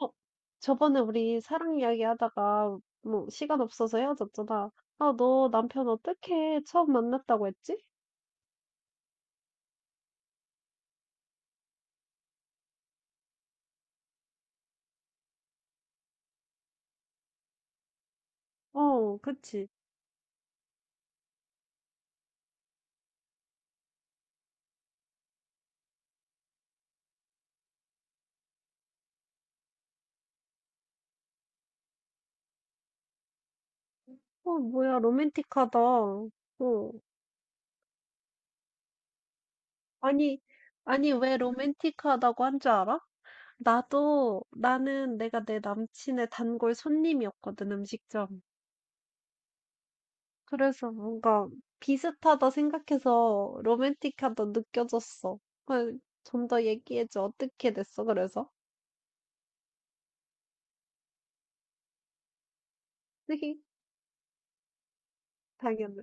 어 저번에 우리 사랑 이야기 하다가 뭐 시간 없어서 헤어졌잖아. 아, 너 남편 어떻게 처음 만났다고 했지? 어, 그치. 어, 뭐야, 로맨틱하다. 어. 아니, 아니, 왜 로맨틱하다고 한 줄 알아? 나는 내가 내 남친의 단골 손님이었거든, 음식점. 그래서 뭔가 비슷하다 생각해서 로맨틱하다 느껴졌어. 좀 더 얘기해줘. 어떻게 됐어, 그래서? 당연히.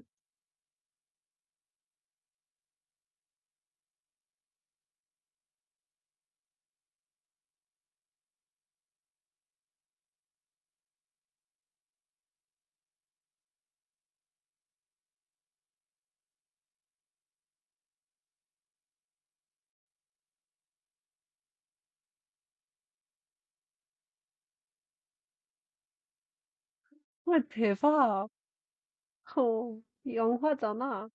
헐 대박. 어, 영화잖아.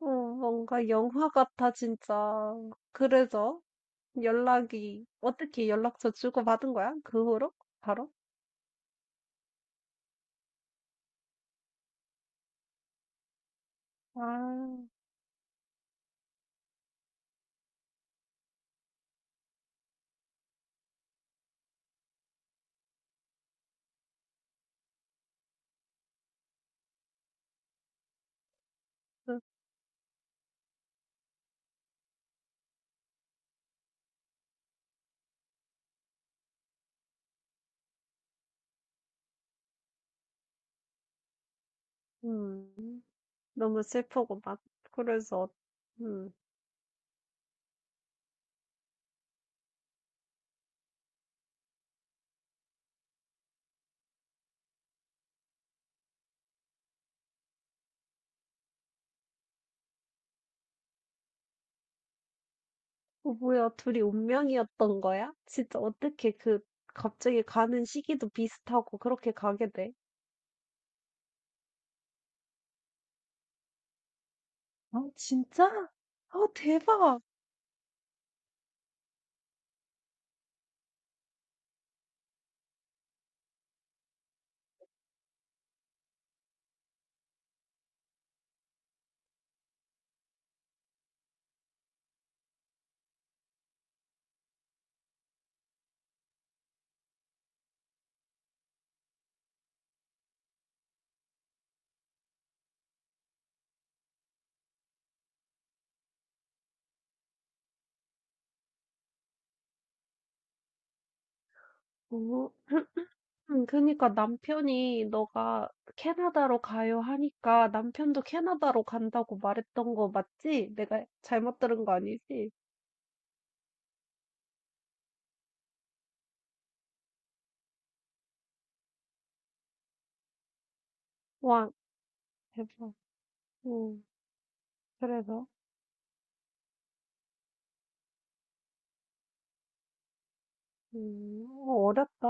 뭔가 영화 같아, 진짜. 그래서 연락이, 어떻게 연락처 주고받은 거야? 그 후로? 바로? 아, 그, 음, 너무 슬프고 막, 그래서, 음, 뭐야, 둘이 운명이었던 거야? 진짜 어떻게 갑자기 가는 시기도 비슷하고 그렇게 가게 돼? 아, 진짜? 아, 대박. 어, 그니까 남편이 "너가 캐나다로 가요." 하니까 남편도 "캐나다로 간다."고 말했던 거 맞지? 내가 잘못 들은 거 아니지? 와 대박. 음 그래서 어렵다.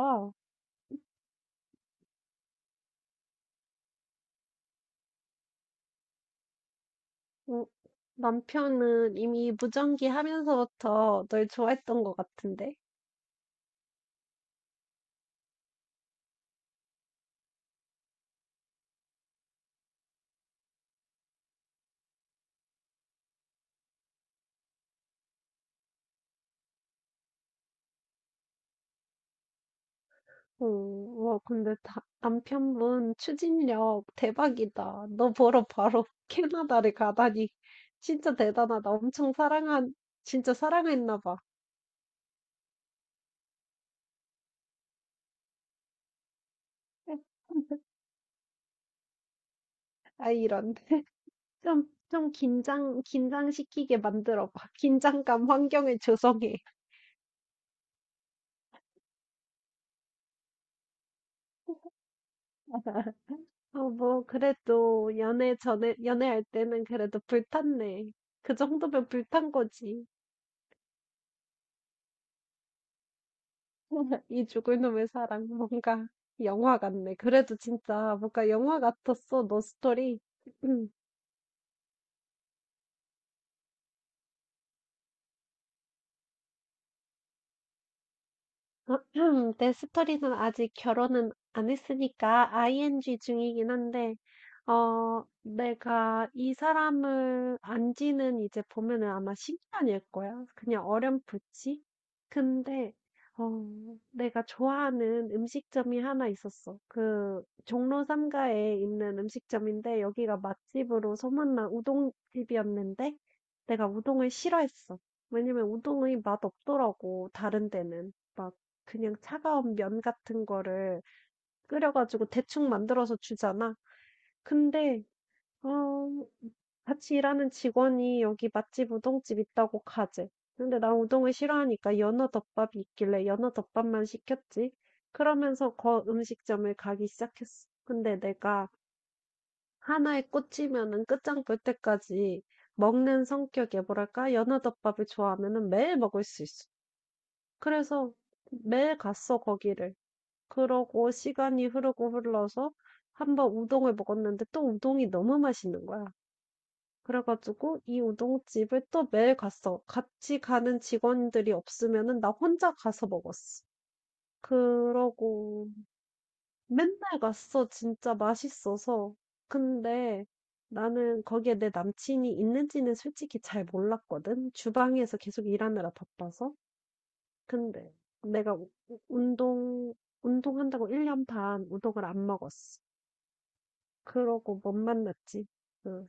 음 남편은 이미 무전기 하면서부터 널 좋아했던 것 같은데? 오, 와, 근데 남편분 추진력 대박이다. 너 보러 바로 캐나다를 가다니. 진짜 대단하다. 진짜 사랑했나 봐. 아, 이런. 좀, 긴장시키게 만들어 봐. 긴장감 환경을 조성해. 뭐, 그래도 연애할 때는 그래도 불탔네. 그 정도면 불탄 거지. 이 죽을 놈의 사랑 뭔가 영화 같네. 그래도 진짜 뭔가 영화 같았어. 너 스토리. 내 스토리는 아직 결혼은 안 했으니까 ing 중이긴 한데, 내가 이 사람을 안 지는 이제 보면은 아마 10년일 거야. 그냥 어렴풋이. 근데, 어, 내가 좋아하는 음식점이 하나 있었어. 종로 삼가에 있는 음식점인데, 여기가 맛집으로 소문난 우동집이었는데, 내가 우동을 싫어했어. 왜냐면 우동의 맛 없더라고, 다른 데는. 막 그냥 차가운 면 같은 거를 끓여 가지고 대충 만들어서 주잖아. 근데 어 같이 일하는 직원이 "여기 맛집 우동집 있다고 가재." 근데 난 우동을 싫어하니까 연어덮밥이 있길래 연어덮밥만 시켰지. 그러면서 거 음식점을 가기 시작했어. 근데 내가 하나에 꽂히면은 끝장 볼 때까지 먹는 성격에 뭐랄까? 연어덮밥을 좋아하면은 매일 먹을 수 있어. 그래서 매일 갔어 거기를. 그러고 시간이 흐르고 흘러서 한번 우동을 먹었는데 또 우동이 너무 맛있는 거야. 그래 가지고 이 우동집을 또 매일 갔어. 같이 가는 직원들이 없으면은 나 혼자 가서 먹었어. 그러고 맨날 갔어 진짜 맛있어서. 근데 나는 거기에 내 남친이 있는지는 솔직히 잘 몰랐거든. 주방에서 계속 일하느라 바빠서. 근데 내가 우 운동 운동한다고 1년 반 우동을 안 먹었어. 그러고 못 만났지. 응.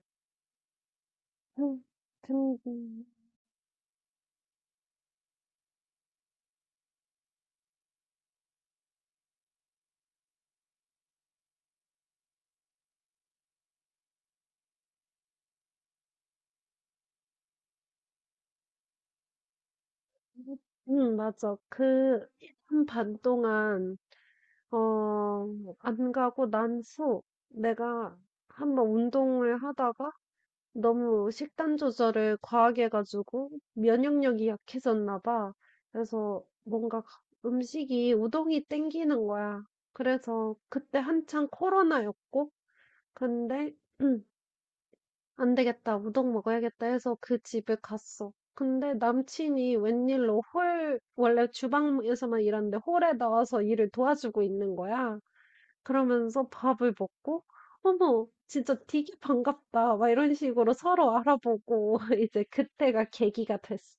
응. 근 응, 맞아. 한 반 동안, 어, 안 가고 난 후, 내가 한번 운동을 하다가 너무 식단 조절을 과하게 해가지고 면역력이 약해졌나 봐. 그래서 뭔가 음식이 우동이 땡기는 거야. 그래서 그때 한창 코로나였고, 근데 '안 되겠다. 우동 먹어야겠다.' 해서 그 집에 갔어. 근데 남친이 웬일로 홀 원래 주방에서만 일하는데 홀에 나와서 일을 도와주고 있는 거야. 그러면서 밥을 먹고 '어머 진짜 되게 반갑다.' 막 이런 식으로 서로 알아보고 이제 그때가 계기가 됐어.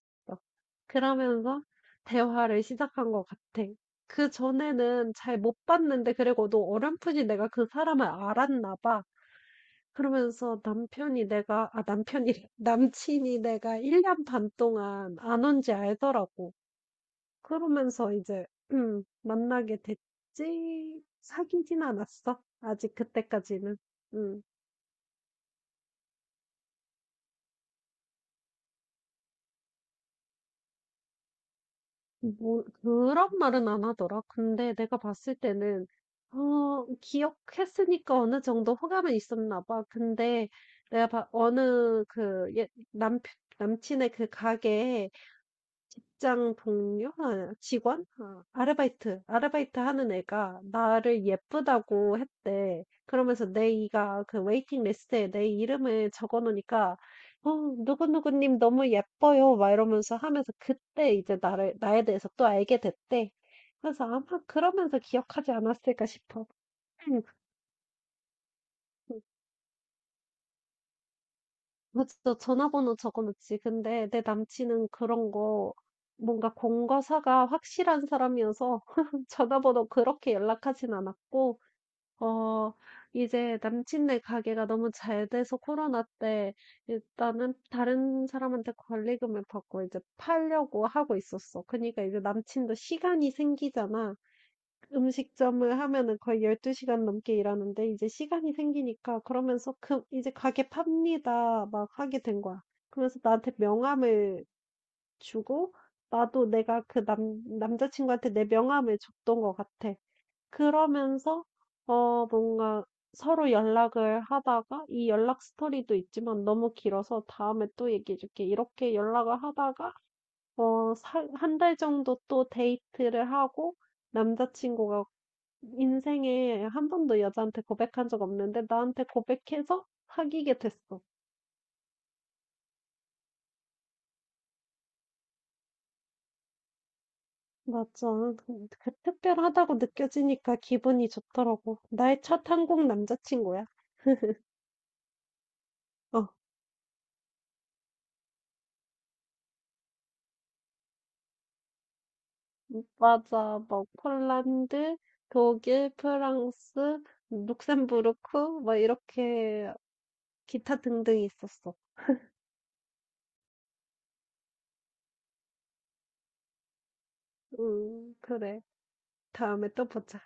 그러면서 대화를 시작한 것 같아. 그전에는 잘 못 봤는데 그리고 너 어렴풋이 내가 그 사람을 알았나 봐. 그러면서 남편이 내가, 아, 남편이래. 남친이 내가 1년 반 동안 안 온지 알더라고. 그러면서 이제, 만나게 됐지. 사귀진 않았어. 아직 그때까지는. 음, 뭐, 그런 말은 안 하더라. 근데 내가 봤을 때는, 기억했으니까 어느 정도 호감은 있었나 봐. 근데 내가 봐, 어느 그, 예, 남편, 남친의 그 가게에 직장 동료? 아 직원? 아 아르바이트 하는 애가 나를 예쁘다고 했대. 그러면서 내 이가 그 웨이팅 리스트에 내 이름을 적어 놓으니까 "어 누구누구 님 너무 예뻐요." 막 이러면서 하면서 그때 이제 나를 나에 대해서 또 알게 됐대. 그래서 아마 그러면서 기억하지 않았을까 싶어. 그쵸. 전화번호 적어놓지. 근데 내 남친은 그런 거 뭔가 공과사가 확실한 사람이어서 전화번호 그렇게 연락하진 않았고, 어, 이제 남친네 가게가 너무 잘 돼서 코로나 때 일단은 다른 사람한테 권리금을 받고 이제 팔려고 하고 있었어. 그러니까 이제 남친도 시간이 생기잖아. 음식점을 하면은 거의 12시간 시간 넘게 일하는데 이제 시간이 생기니까 그러면서 "그 이제 가게 팝니다." 막 하게 된 거야. 그러면서 나한테 명함을 주고 나도 내가 그 남 남자친구한테 내 명함을 줬던 것 같아. 그러면서 뭔가 서로 연락을 하다가 이 연락 스토리도 있지만 너무 길어서 "다음에 또 얘기해 줄게." 이렇게 연락을 하다가 어 한 달 정도 또 데이트를 하고 남자친구가 인생에 한 번도 여자한테 고백한 적 없는데 나한테 고백해서 사귀게 됐어. 맞아. 그 특별하다고 느껴지니까 기분이 좋더라고. 나의 첫 한국 남자친구야. 어, 맞아. 뭐 폴란드, 독일, 프랑스, 룩셈부르크, 뭐 이렇게 기타 등등 있었어. 그래. 다음에 또 보자.